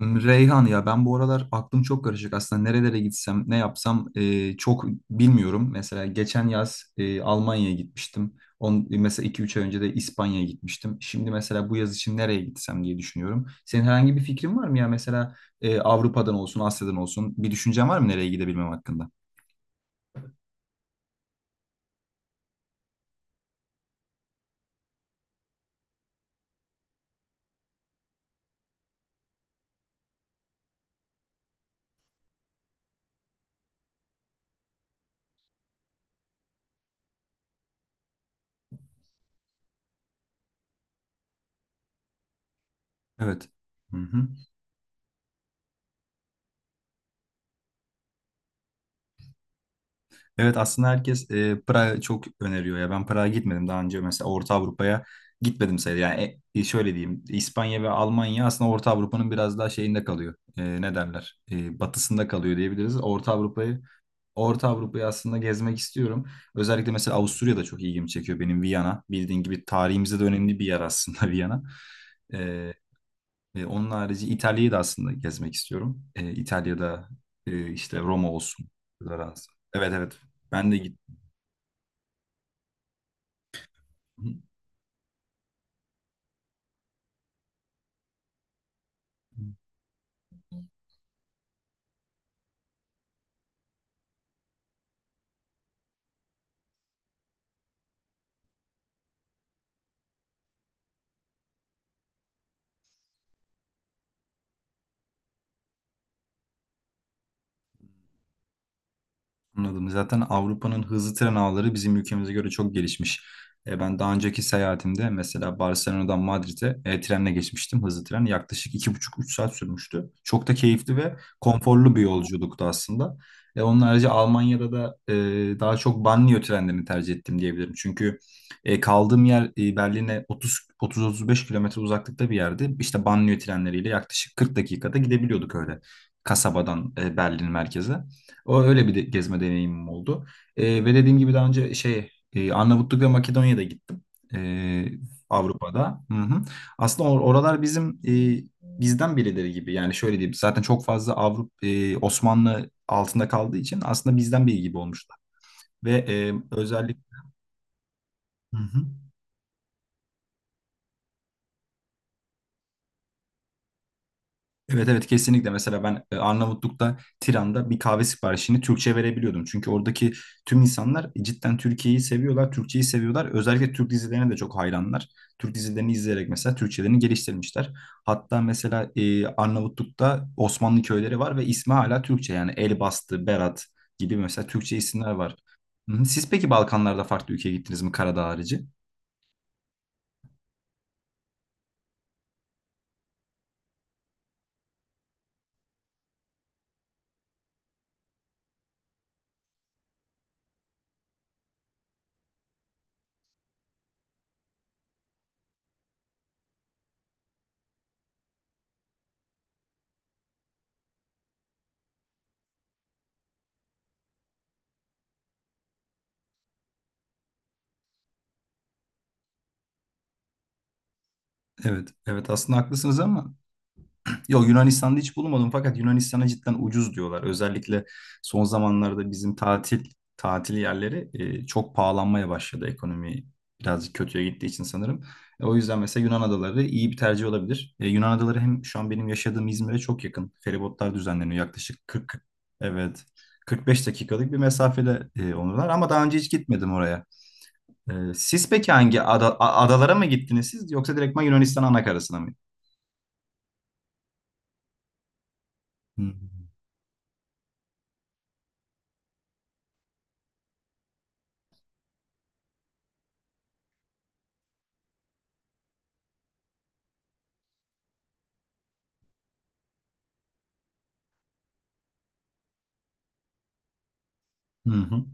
Reyhan, ya ben bu aralar aklım çok karışık aslında nerelere gitsem, ne yapsam çok bilmiyorum. Mesela geçen yaz Almanya'ya gitmiştim. Mesela iki üç ay önce de İspanya'ya gitmiştim. Şimdi mesela bu yaz için nereye gitsem diye düşünüyorum. Senin herhangi bir fikrin var mı ya, mesela Avrupa'dan olsun, Asya'dan olsun, bir düşüncen var mı nereye gidebilmem hakkında? Evet. Hı hı. Evet, aslında herkes Prag'ı çok öneriyor ya. Ben Prag'a gitmedim daha önce, mesela Orta Avrupa'ya gitmedim sayılır. Yani şöyle diyeyim, İspanya ve Almanya aslında Orta Avrupa'nın biraz daha şeyinde kalıyor. Ne derler? Batısında kalıyor diyebiliriz. Orta Avrupa'yı aslında gezmek istiyorum. Özellikle mesela Avusturya da çok ilgimi çekiyor benim, Viyana. Bildiğin gibi tarihimizde de önemli bir yer aslında Viyana. E, onun harici İtalya'yı da aslında gezmek istiyorum. İtalya'da işte Roma olsun. Floransa. Evet, evet. Ben de gittim. Anladım. Zaten Avrupa'nın hızlı tren ağları bizim ülkemize göre çok gelişmiş. Ben daha önceki seyahatimde mesela Barcelona'dan Madrid'e trenle geçmiştim. Hızlı tren yaklaşık iki buçuk üç saat sürmüştü. Çok da keyifli ve konforlu bir yolculuktu aslında. Onun harici Almanya'da da daha çok banliyö trenlerini tercih ettim diyebilirim. Çünkü kaldığım yer Berlin'e 30 30-35 kilometre uzaklıkta bir yerdi. İşte banliyö trenleriyle yaklaşık 40 dakikada gidebiliyorduk öyle kasabadan Berlin merkeze. O öyle bir de, gezme deneyimim oldu. Ve dediğim gibi daha önce Arnavutluk ve Makedonya'da gittim. Ee, Avrupa'da. Hı hı. Aslında oralar bizim, bizden birileri gibi. Yani şöyle diyeyim, zaten çok fazla Avrupa Osmanlı altında kaldığı için aslında bizden biri gibi olmuşlar. Ve özellikle evet, evet kesinlikle. Mesela ben Arnavutluk'ta, Tiran'da bir kahve siparişini Türkçe verebiliyordum. Çünkü oradaki tüm insanlar cidden Türkiye'yi seviyorlar, Türkçeyi seviyorlar. Özellikle Türk dizilerine de çok hayranlar. Türk dizilerini izleyerek mesela Türkçelerini geliştirmişler. Hatta mesela Arnavutluk'ta Osmanlı köyleri var ve ismi hala Türkçe, yani Elbastı, Berat gibi mesela Türkçe isimler var. Hı hı. Siz peki Balkanlarda farklı ülkeye gittiniz mi, Karadağ harici? Evet, evet, aslında haklısınız ama yok, Yunanistan'da hiç bulunmadım, fakat Yunanistan'a cidden ucuz diyorlar. Özellikle son zamanlarda bizim tatil yerleri çok pahalanmaya başladı, ekonomi birazcık kötüye gittiği için sanırım. O yüzden mesela Yunan adaları iyi bir tercih olabilir. Yunan adaları hem şu an benim yaşadığım İzmir'e çok yakın. Feribotlar düzenleniyor yaklaşık 40, evet, 45 dakikalık bir mesafede onlar, ama daha önce hiç gitmedim oraya. Siz peki hangi adalara mı gittiniz, siz yoksa direktman Yunanistan anakarasına mı? Hı hı. Hı.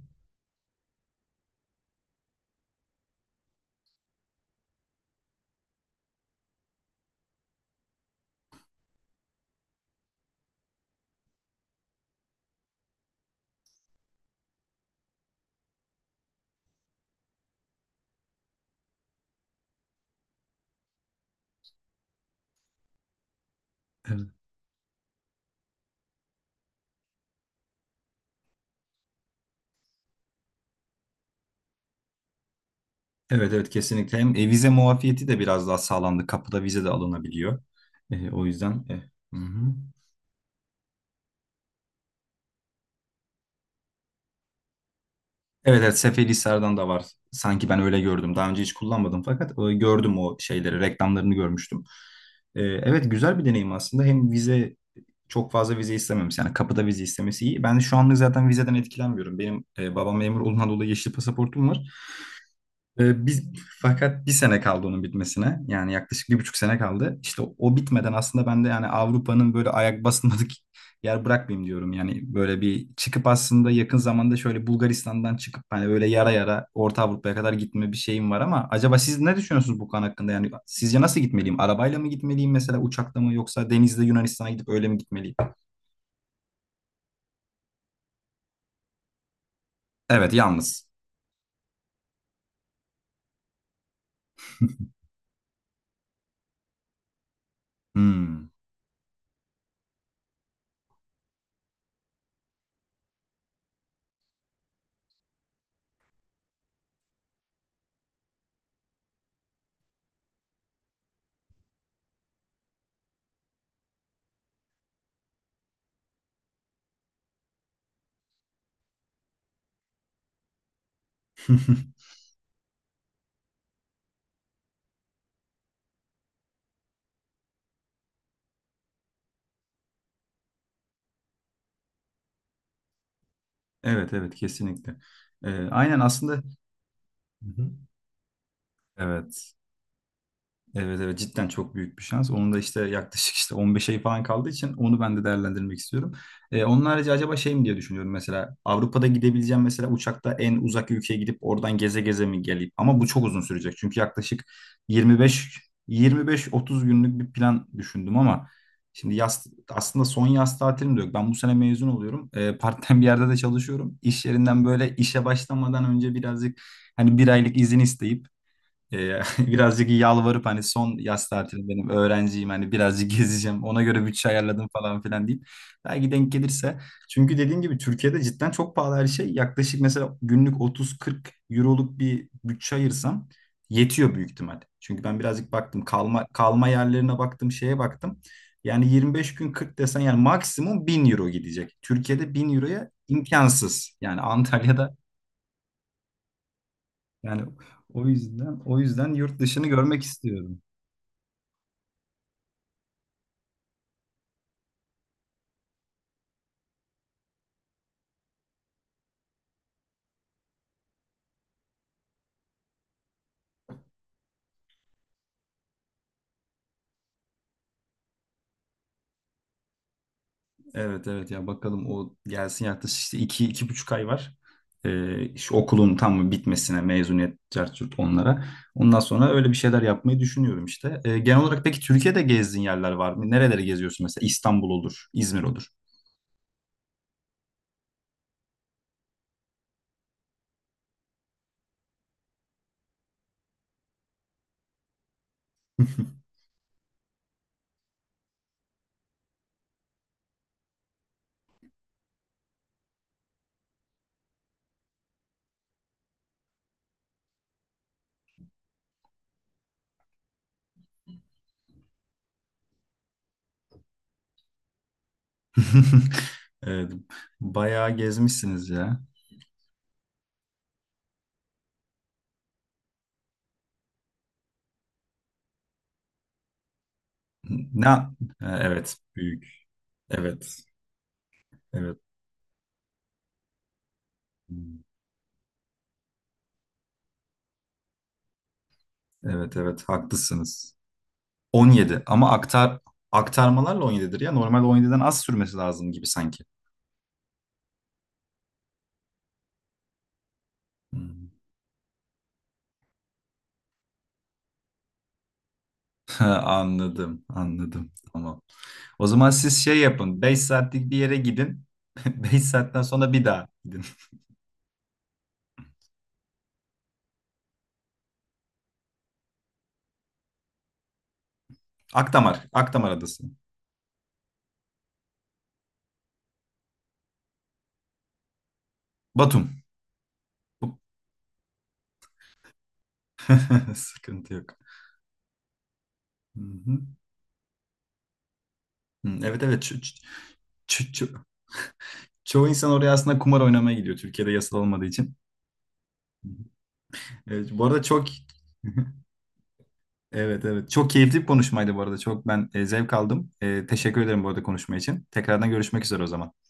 Evet. Evet, evet kesinlikle. Hem vize muafiyeti de biraz daha sağlandı. Kapıda vize de alınabiliyor. O yüzden hı hı. Evet, evet, Seferihisar'dan da var. Sanki ben öyle gördüm. Daha önce hiç kullanmadım, fakat gördüm o şeyleri, reklamlarını görmüştüm. Evet, güzel bir deneyim aslında. Hem vize, çok fazla vize istememiş. Yani kapıda vize istemesi iyi. Ben şu anlık zaten vizeden etkilenmiyorum. Benim babam memur olduğundan dolayı yeşil pasaportum var. Biz fakat bir sene kaldı onun bitmesine. Yani yaklaşık bir buçuk sene kaldı. İşte o bitmeden aslında ben de, yani Avrupa'nın böyle ayak basmadık yer bırakmayayım diyorum. Yani böyle bir çıkıp aslında yakın zamanda şöyle Bulgaristan'dan çıkıp hani böyle yara yara Orta Avrupa'ya kadar gitme bir şeyim var ama acaba siz ne düşünüyorsunuz bu konu hakkında? Yani sizce nasıl gitmeliyim? Arabayla mı gitmeliyim, mesela uçakla mı, yoksa denizde Yunanistan'a gidip öyle mi gitmeliyim? Evet, yalnız. Hmm. Evet, evet kesinlikle. Aynen aslında. Hı hı. Evet. Evet, evet cidden çok büyük bir şans. Onun da işte yaklaşık işte 15 ay falan kaldığı için onu ben de değerlendirmek istiyorum. Onun harici acaba şey mi diye düşünüyorum, mesela Avrupa'da gidebileceğim mesela uçakta en uzak ülkeye gidip oradan geze geze mi geleyim? Ama bu çok uzun sürecek çünkü yaklaşık 25 25-30 günlük bir plan düşündüm ama şimdi yaz aslında son yaz tatilim de yok. Ben bu sene mezun oluyorum. Part-time bir yerde de çalışıyorum. İş yerinden böyle işe başlamadan önce birazcık hani bir aylık izin isteyip birazcık yalvarıp, hani son yaz tatilim benim, öğrenciyim, hani birazcık gezeceğim, ona göre bütçe ayarladım falan filan deyip belki denk gelirse, çünkü dediğim gibi Türkiye'de cidden çok pahalı her şey. Yaklaşık mesela günlük 30-40 euroluk bir bütçe ayırsam yetiyor büyük ihtimal. Çünkü ben birazcık baktım, kalma yerlerine baktım, şeye baktım, yani 25 gün 40 desen yani maksimum 1000 euro gidecek. Türkiye'de 1000 euroya imkansız, yani Antalya'da yani, o yüzden yurt dışını görmek istiyorum. Evet, evet ya, bakalım o gelsin, yaklaşık işte iki, iki buçuk ay var. Şu okulun tam bitmesine, mezuniyet, cart curt onlara. Ondan sonra öyle bir şeyler yapmayı düşünüyorum işte. Genel olarak peki Türkiye'de gezdiğin yerler var mı? Nereleri geziyorsun mesela? İstanbul olur, İzmir olur. Evet, bayağı gezmişsiniz ya. Ne? Ha, evet, büyük. Evet, evet. Evet, evet, evet, haklısınız. 17, ama aktarmalarla 17'dir ya. Normal 17'den az sürmesi lazım gibi sanki. Hmm. Anladım, anladım. Tamam. O zaman siz şey yapın, 5 saatlik bir yere gidin. 5 saatten sonra bir daha gidin. Akdamar, Akdamar Adası. Batum. Bu- Sıkıntı yok. Hı hı. Hı, evet, evet. Ço- ço- Çoğu insan oraya aslında kumar oynamaya gidiyor. Türkiye'de yasal olmadığı için. Evet, bu arada çok evet, evet. Çok keyifli bir konuşmaydı bu arada. Çok ben zevk aldım. Teşekkür ederim bu arada konuşma için. Tekrardan görüşmek üzere o zaman.